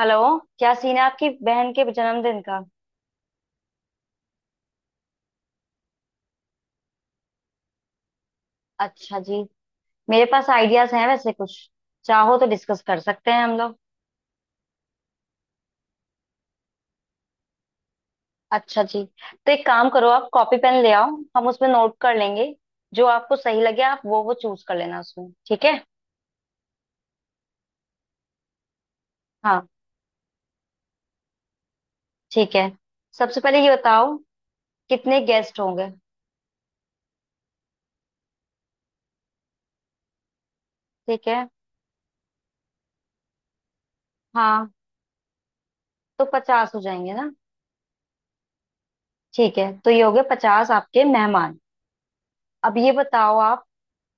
Hello, क्या scene है आपकी बहन के जन्मदिन का। अच्छा जी। मेरे पास आइडियाज हैं वैसे कुछ, चाहो तो डिस्कस कर सकते हैं हम लोग। अच्छा जी, तो एक काम करो आप कॉपी पेन ले आओ। हम उसमें नोट कर लेंगे। जो आपको सही लगे आप वो चूज कर लेना उसमें, ठीक है। हाँ, ठीक है। सबसे पहले ये बताओ कितने गेस्ट होंगे। ठीक है। हाँ, तो 50 हो जाएंगे ना। ठीक है, तो ये हो गए 50 आपके मेहमान। अब ये बताओ आप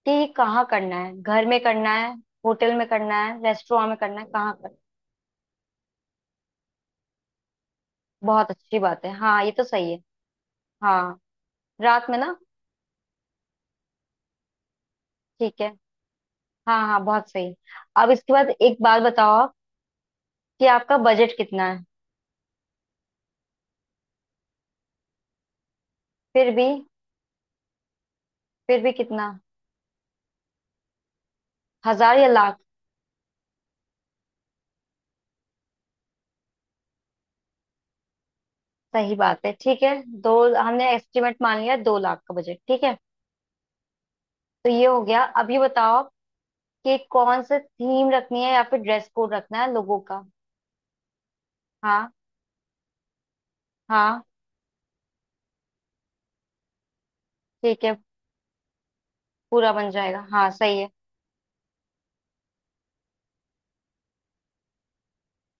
कि ये कहाँ करना है, घर में करना है, होटल में करना है, रेस्टोरेंट में करना है, कहाँ कर। बहुत अच्छी बात है। हाँ, ये तो सही है। हाँ, रात में ना। ठीक है। हाँ हाँ, बहुत सही। अब इसके बाद एक बात बताओ आप कि आपका बजट कितना है। फिर भी, फिर भी कितना, हजार या लाख। सही बात है, ठीक है। दो, हमने एस्टिमेट मान लिया, 2 लाख का बजट, ठीक है। तो ये हो गया। अब ये बताओ आप कि कौन सा थीम रखनी है या फिर ड्रेस कोड रखना है लोगों का। हाँ हाँ, ठीक है, पूरा बन जाएगा। हाँ, सही है।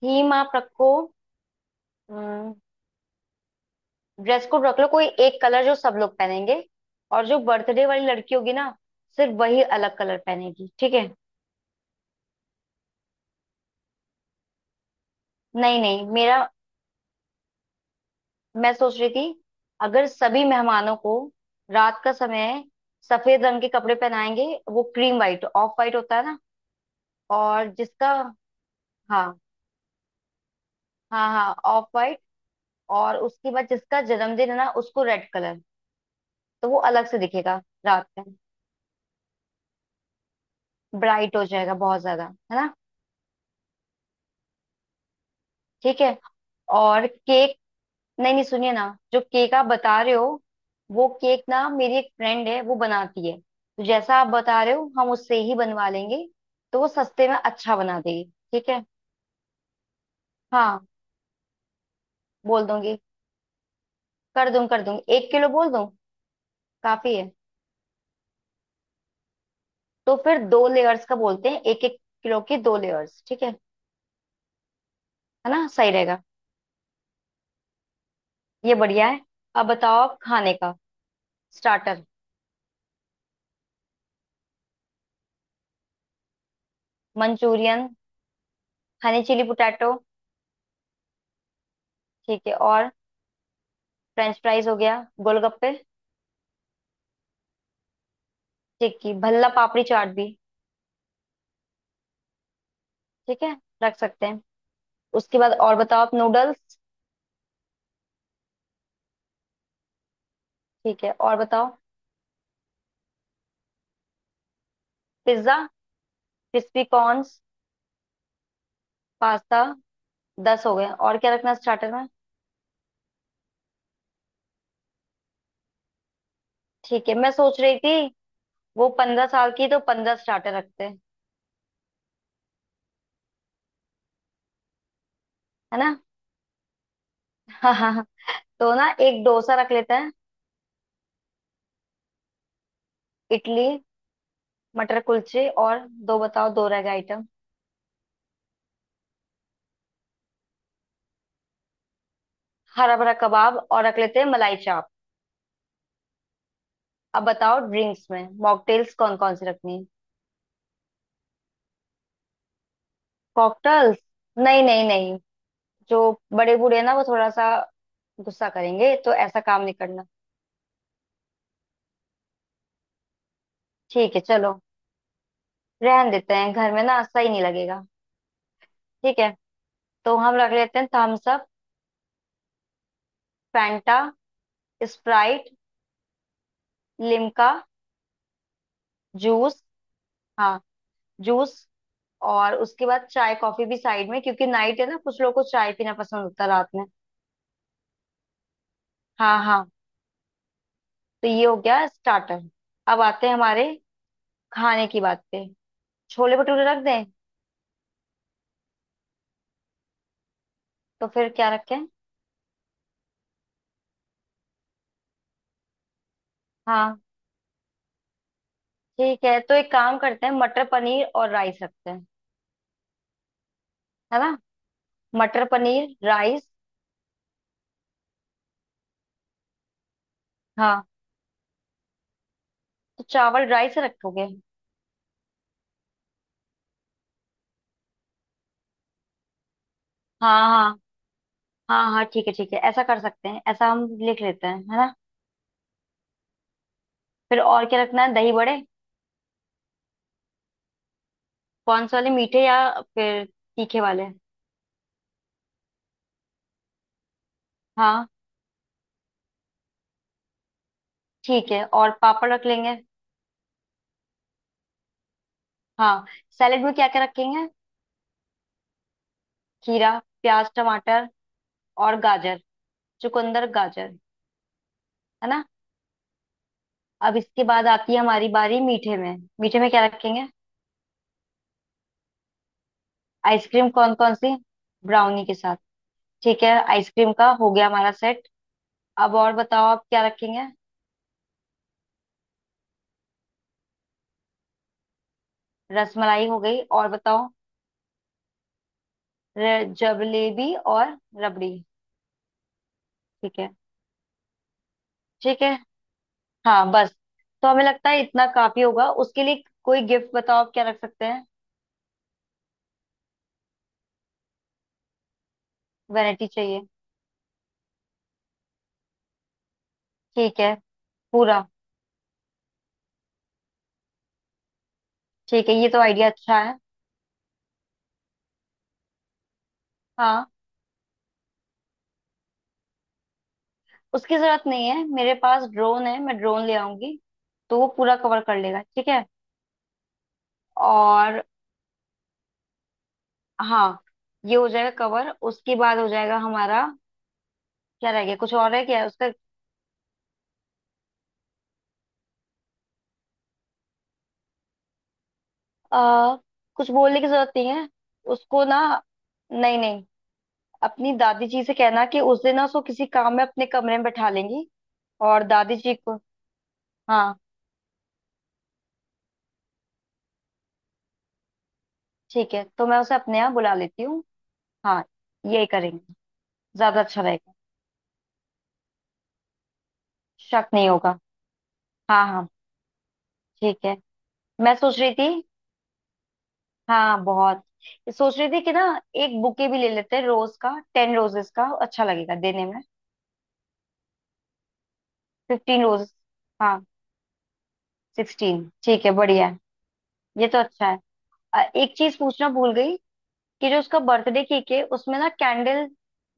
ही माप रखो। ड्रेस कोड रख लो, कोई एक कलर जो सब लोग पहनेंगे। और जो बर्थडे वाली लड़की होगी ना, सिर्फ वही अलग कलर पहनेगी, ठीक है। नहीं नहीं, मेरा, मैं सोच रही थी अगर सभी मेहमानों को, रात का समय, सफेद रंग के कपड़े पहनाएंगे। वो क्रीम वाइट, ऑफ वाइट होता है ना। और जिसका, हाँ, हाँ हाँ, ऑफ वाइट। और उसके बाद जिसका जन्मदिन है ना उसको रेड कलर, तो वो अलग से दिखेगा रात में। ब्राइट हो जाएगा बहुत ज्यादा, है ना। ठीक है। और केक, नहीं नहीं, सुनिए ना, जो केक आप बता रहे हो, वो केक ना मेरी एक फ्रेंड है, वो बनाती है, तो जैसा आप बता रहे हो हम उससे ही बनवा लेंगे। तो वो सस्ते में अच्छा बना देगी। ठीक है, हाँ, बोल दूंगी, कर दूंगी, कर दूंगी। एक किलो बोल दूं, काफी है। तो फिर 2 लेयर्स का बोलते हैं, 1-1 किलो की 2 लेयर्स, ठीक है। है ना, सही रहेगा। ये बढ़िया है। अब बताओ आप खाने का starter. Manchurian, honey chilli potato, ठीक है। और फ्रेंच फ्राइज हो गया, गोलगप्पे, ठीक है, भल्ला पापड़ी चाट भी, ठीक है, रख सकते हैं। उसके बाद और बताओ आप, नूडल्स, ठीक है, और बताओ, पिज्जा, क्रिस्पी कॉर्न्स, पास्ता, 10 हो गए, और क्या रखना स्टार्टर में। ठीक है, मैं सोच रही थी, वो 15 साल की तो 15 स्टार्टर रखते हैं, है ना। हाँ हाँ। तो ना एक डोसा रख लेते हैं, इडली, मटर कुलचे, और दो बताओ, दो रह गए आइटम। हरा भरा कबाब और रख लेते हैं मलाई चाप। अब बताओ ड्रिंक्स में मॉकटेल्स कौन कौन सी रखनी है। कॉकटेल्स, नहीं नहीं नहीं, जो बड़े बूढ़े हैं ना, वो थोड़ा सा गुस्सा करेंगे, तो ऐसा काम नहीं करना। ठीक है, चलो, रहन देते हैं, घर में ना सही नहीं लगेगा। ठीक है। तो हम रख लेते हैं Thums Up, Fanta, Sprite, Limca, juice, हाँ, जूस। और उसके बाद चाय कॉफी भी साइड में, क्योंकि नाइट है ना, कुछ लोगों को चाय पीना पसंद होता है रात में। हाँ हाँ। तो ये हो गया स्टार्टर। अब आते हैं हमारे खाने की बात पे। छोले भटूरे रख दें। तो फिर क्या रखें। हाँ, ठीक है, तो एक काम करते हैं मटर पनीर और राइस रखते हैं, है ना। मटर पनीर राइस। हाँ, तो चावल राइस रखोगे। हाँ हाँ, हाँ हाँ, ठीक है ठीक है, ऐसा कर सकते हैं, ऐसा हम लिख लेते हैं है ना। फिर और क्या रखना है, दही बड़े, कौन से वाले, मीठे या फिर तीखे वाले। हाँ, ठीक है, और पापड़ रख लेंगे। हाँ, सैलेड में क्या क्या रखेंगे। खीरा, प्याज, टमाटर, और गाजर, चुकंदर गाजर, है ना। अब इसके बाद आती है हमारी बारी, मीठे में, मीठे में क्या रखेंगे। आइसक्रीम कौन कौन सी, ब्राउनी के साथ, ठीक है। आइसक्रीम का हो गया हमारा सेट। अब और बताओ आप क्या रखेंगे। रसमलाई हो गई, और बताओ, जलेबी और रबड़ी। ठीक है ठीक है, हाँ बस। तो हमें लगता है इतना काफी होगा। उसके लिए कोई गिफ्ट बताओ आप क्या रख सकते हैं। वैरायटी चाहिए, ठीक है, पूरा, ठीक है, ये तो आइडिया अच्छा है। हाँ, उसकी जरूरत नहीं है, मेरे पास ड्रोन है, मैं ड्रोन ले आऊंगी। तो वो पूरा कवर कर लेगा, ठीक है। और, हाँ, ये हो जाएगा कवर, उसके बाद हो जाएगा हमारा, क्या रह गया, कुछ और है क्या उसका। आ, कुछ बोलने की जरूरत नहीं है उसको ना, नहीं नहीं, अपनी दादी जी से कहना कि उस दिन ना उसको किसी काम में अपने कमरे में बैठा लेंगी। और दादी जी को, हाँ, ठीक है, तो मैं उसे अपने यहाँ बुला लेती हूँ। हाँ, यही करेंगे, ज्यादा अच्छा रहेगा। शक नहीं होगा। हाँ हाँ, ठीक है। मैं सोच रही थी, हाँ हाँ, बहुत सोच रही थी कि ना एक बुके भी ले लेते हैं, रोज का, 10 रोजेस का अच्छा लगेगा देने में। 15 रोज, हाँ, 16, ठीक है, बढ़िया है, ये तो अच्छा है। एक चीज पूछना भूल गई कि जो उसका बर्थडे केक है उसमें ना कैंडल,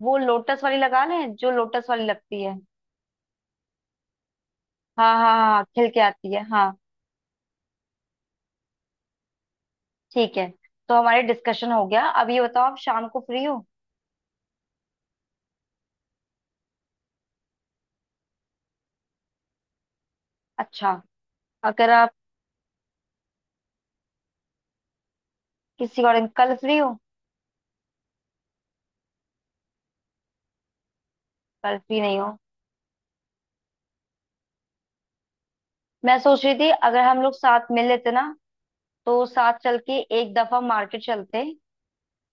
वो लोटस वाली लगा लें, जो लोटस वाली लगती है। हाँ हाँ हाँ, खिल के आती है, हाँ, ठीक है। तो हमारे डिस्कशन हो गया, अब ये बताओ आप शाम को फ्री हो। अच्छा, अगर आप किसी और दिन, कल फ्री हो, कल फ्री नहीं हो। मैं सोच रही थी, अगर हम लोग साथ मिल लेते ना, तो साथ चल के एक दफा मार्केट चलते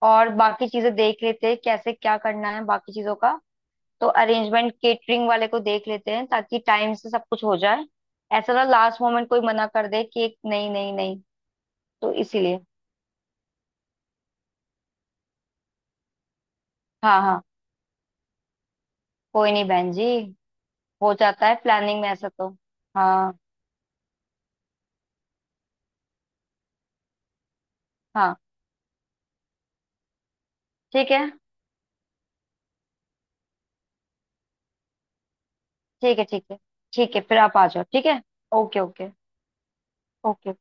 और बाकी चीजें देख लेते हैं, कैसे क्या करना है बाकी चीजों का। तो अरेंजमेंट, केटरिंग वाले को देख लेते हैं, ताकि टाइम से सब कुछ हो जाए। ऐसा ना लास्ट मोमेंट कोई मना कर दे कि एक, नहीं नहीं नहीं, तो इसीलिए। हाँ हाँ, कोई नहीं बहन जी, हो जाता है प्लानिंग में ऐसा तो। हाँ हाँ, ठीक है, ठीक है, ठीक है, ठीक है फिर आप आ जाओ, ठीक है। Okay okay. ओके।